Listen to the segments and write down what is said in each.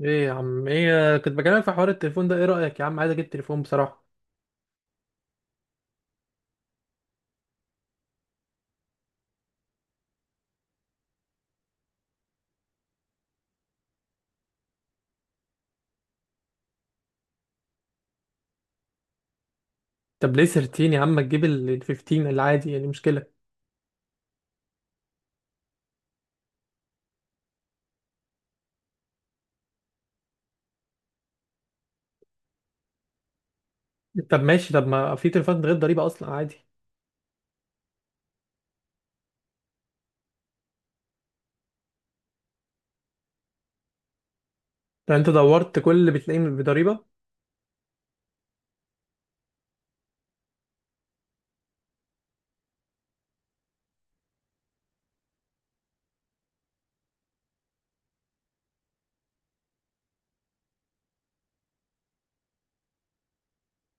ايه يا عم؟ ايه كنت بكلمك في حوار التليفون ده. ايه رأيك يا عم؟ عايز اجيب تليفون بصراحة. طب ليه 13 يا عم؟ ما تجيب ال 15 العادي؟ يعني مشكلة؟ طب ماشي. طب ما في تليفونات غير ضريبة اصلا عادي. لو انت دورت كل اللي بتلاقيه بضريبة.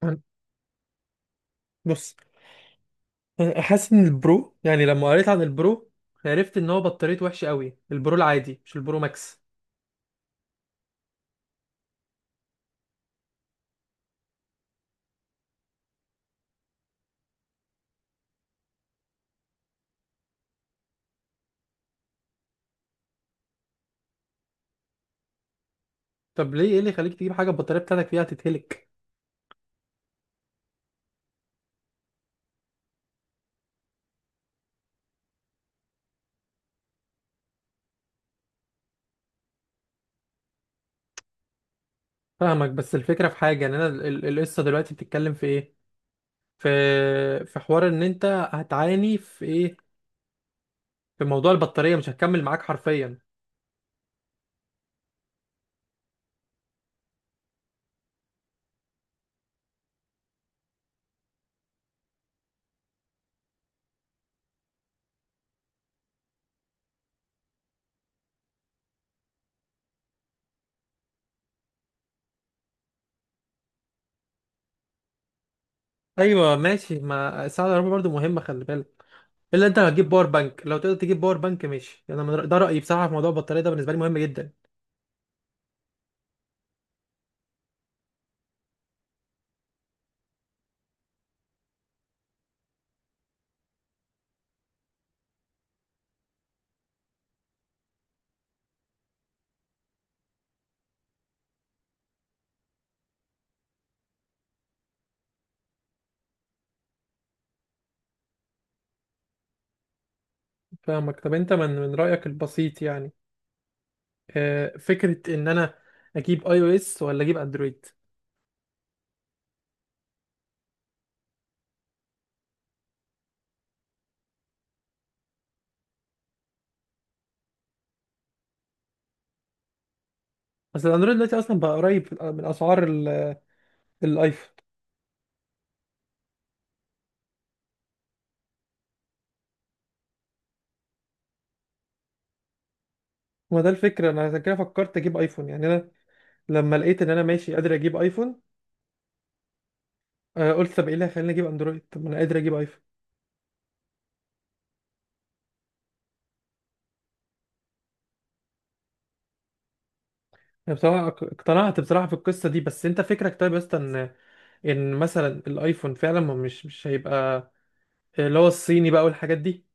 عن- بص، انا حاسس ان البرو، يعني لما قريت عن البرو عرفت ان هو بطاريته وحشة قوي، البرو العادي مش البرو ماكس. طب ليه؟ ايه اللي يخليك تجيب حاجة البطارية بتاعتك فيها تتهلك؟ فاهمك، بس الفكرة في حاجة، ان انا القصة دلوقتي بتتكلم في ايه؟ في، في حوار ان انت هتعاني في ايه، في موضوع البطارية مش هتكمل معاك حرفيا. ايوه ماشي، ما الساعة الكهرباء برضو مهمة خلي بالك. الا انت هتجيب باور بانك؟ لو تقدر تجيب باور بانك ماشي. انا ده رأيي بصراحة في موضوع البطارية ده، بالنسبة لي مهم جدا. فاهمك. طب انت من رأيك البسيط، يعني فكرة ان انا اجيب اي او اس ولا اجيب اندرويد؟ اصل الاندرويد دلوقتي اصلا بقى قريب من اسعار الايفون. ما ده الفكرة، انا عشان كده فكرت اجيب ايفون. يعني انا لما لقيت ان انا ماشي قادر اجيب ايفون، قلت طب ايه اللي هيخليني اجيب اندرويد؟ طب ما انا قادر اجيب ايفون. أنا بصراحة اقتنعت بصراحة في القصة دي. بس انت فكرك طيب يا اسطى ان، ان مثلا الايفون فعلا ما مش مش هيبقى اللي هو الصيني بقى والحاجات دي؟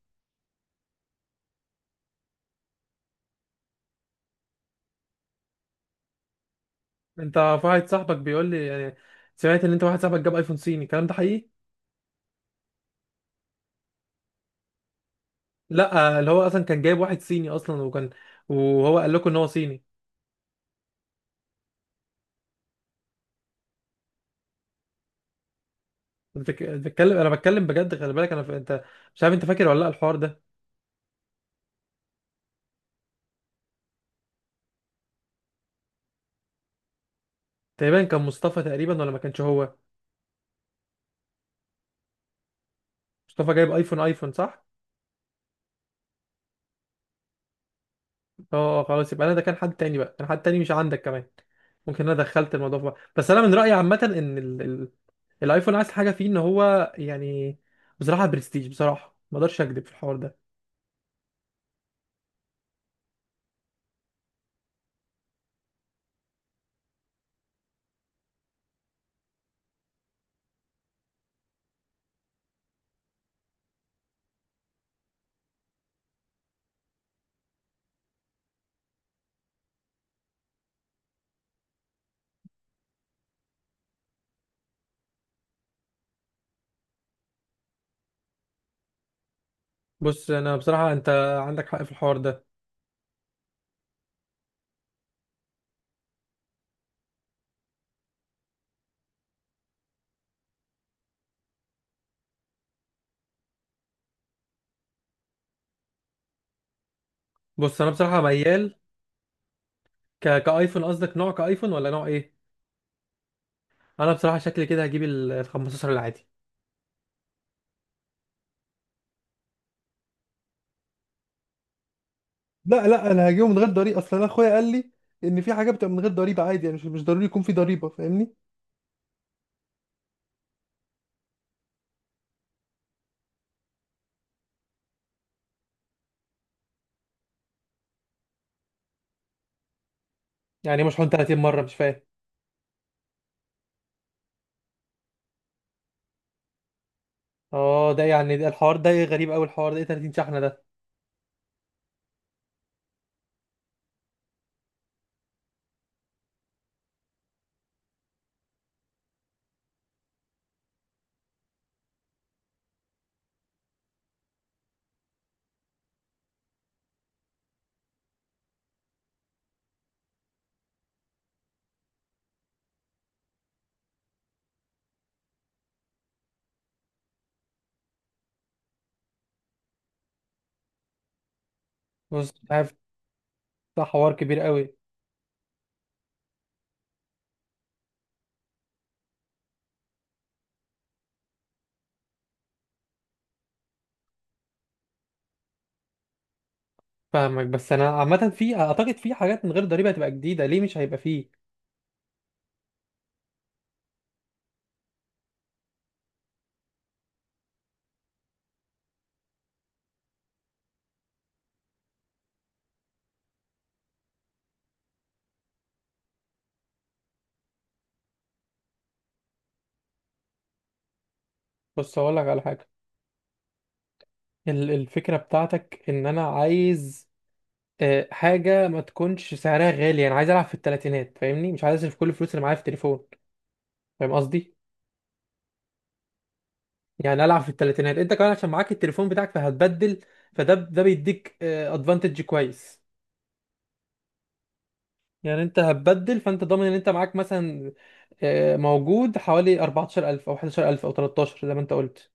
انت، واحد صاحبك بيقول لي يعني سمعت ان انت واحد صاحبك جاب ايفون صيني، الكلام ده حقيقي؟ لا، اللي هو اصلا كان جايب واحد صيني اصلا، وكان، وهو قال لكم ان هو صيني؟ بتكلم، انا بتكلم بجد خلي بالك. انا ف... انت مش عارف انت فاكر ولا لا الحوار ده؟ تقريبا كان مصطفى، تقريبا ولا ما كانش هو؟ مصطفى جايب ايفون، ايفون صح؟ اه اه، خلاص يبقى انا ده كان حد تاني بقى، كان حد تاني مش عندك كمان. ممكن انا دخلت الموضوع في بعض. بس انا من رايي عامه ان الايفون عايز حاجه فيه ان هو يعني بصراحه برستيج، بصراحه ما اقدرش اكذب في الحوار ده. بص انا بصراحه، انت عندك حق في الحوار ده. بص انا بصراحه ميال كايفون. قصدك نوع كايفون ولا نوع ايه؟ انا بصراحه شكلي كده هجيب ال 15 العادي. لا لا، انا هجيبه من غير ضريبه اصلا. انا اخويا قال لي ان في حاجه بتبقى من غير ضريبه عادي، يعني مش ضروري يكون في ضريبه، فاهمني. يعني إيه مشحون 30 مره؟ مش فاهم. اه ده يعني ده الحوار ده غريب قوي، الحوار ده ايه 30 شحنه ده؟ بص مش عارف، ده حوار كبير قوي. فاهمك، بس انا عامه في، اعتقد في حاجات من غير ضريبه هتبقى جديده، ليه مش هيبقى فيه؟ بص هقول لك على حاجه. الفكره بتاعتك ان انا عايز حاجه ما تكونش سعرها غالي، انا عايز العب في الثلاثينات فاهمني، مش عايز اصرف كل الفلوس اللي معايا في التليفون. فاهم قصدي؟ يعني العب في الثلاثينات انت كمان عشان معاك التليفون بتاعك فهتبدل، فده بيديك ادفانتج كويس. يعني انت هتبدل، فانت ضامن ان انت معاك مثلا، موجود حوالي 14,000 او 11,000 او 13 زي ما انت قلت.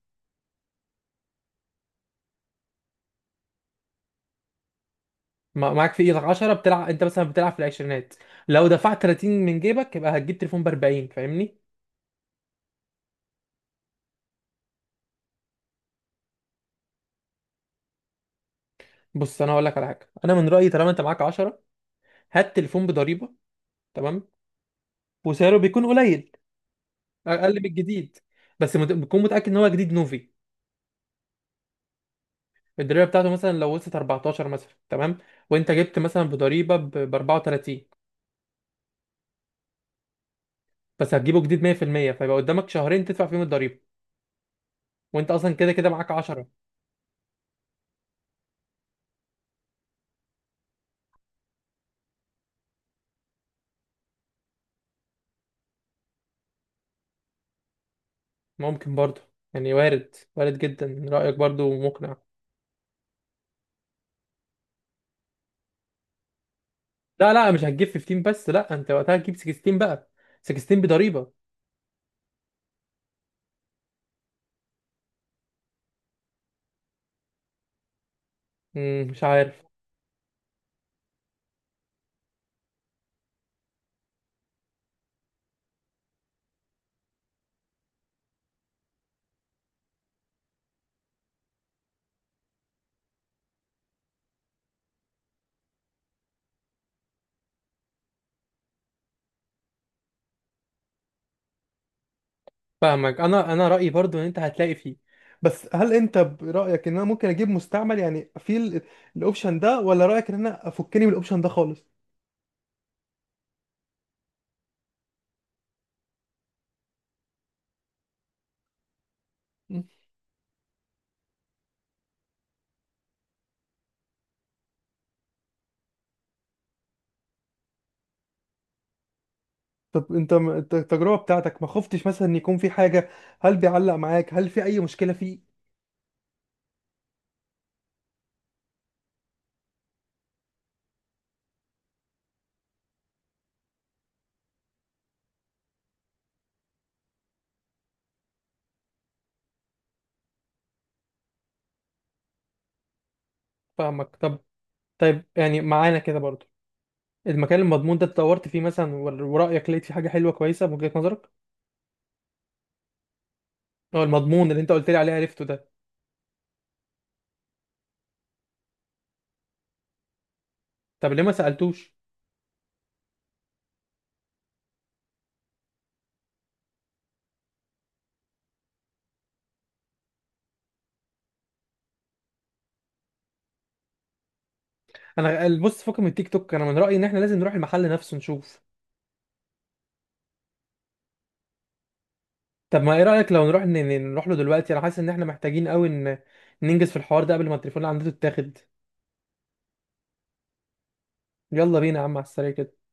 معاك في ايدك 10، بتلعب انت مثلا بتلعب في العشرينات. لو دفعت 30 من جيبك يبقى هتجيب تليفون ب 40 فاهمني. بص انا هقول لك على حاجه. انا من رايي طالما انت معاك 10، هات تليفون بضريبه، تمام، وسعره بيكون قليل، اقل من الجديد. بس بتكون متاكد ان هو جديد نوفي. الضريبه بتاعته مثلا لو وصلت 14 مثلا، تمام، وانت جبت مثلا بضريبه ب 34، بس هتجيبه جديد 100%، فيبقى قدامك شهرين تدفع فيهم الضريبة، وانت اصلا كده كده معاك 10. ممكن برضه، يعني وارد، وارد جدا، رأيك برضه مقنع. لا لا، مش هتجيب 15 بس، لا، انت وقتها هتجيب 16 بقى، 16 بضريبة. مم، مش عارف. فاهمك. انا رأيي برضه ان انت هتلاقي فيه. بس هل انت برأيك ان انا ممكن اجيب مستعمل، يعني في الاوبشن ده، ولا رأيك ان انا افكني من الاوبشن ده خالص؟ مم. طب انت التجربة بتاعتك ما خفتش مثلا ان يكون في حاجة؟ هل بيعلق معاك؟ هل في اي مشكلة فيه؟ فاهمك. طب، طيب يعني معانا كده برضو المكان المضمون ده اتطورت فيه مثلا ورأيك لقيت فيه حاجة حلوة كويسة من وجهة نظرك؟ هو المضمون اللي انت قلت لي عليه عرفته ده؟ طب ليه ما سألتوش؟ انا بص، فكك من التيك توك، انا من رأيي ان احنا لازم نروح المحل نفسه نشوف. طب ما ايه رأيك لو نروح نروح له دلوقتي؟ انا حاسس ان احنا محتاجين قوي ان ننجز في الحوار ده قبل ما التليفون اللي عندنا يتاخد. يلا بينا يا عم على السريع كده.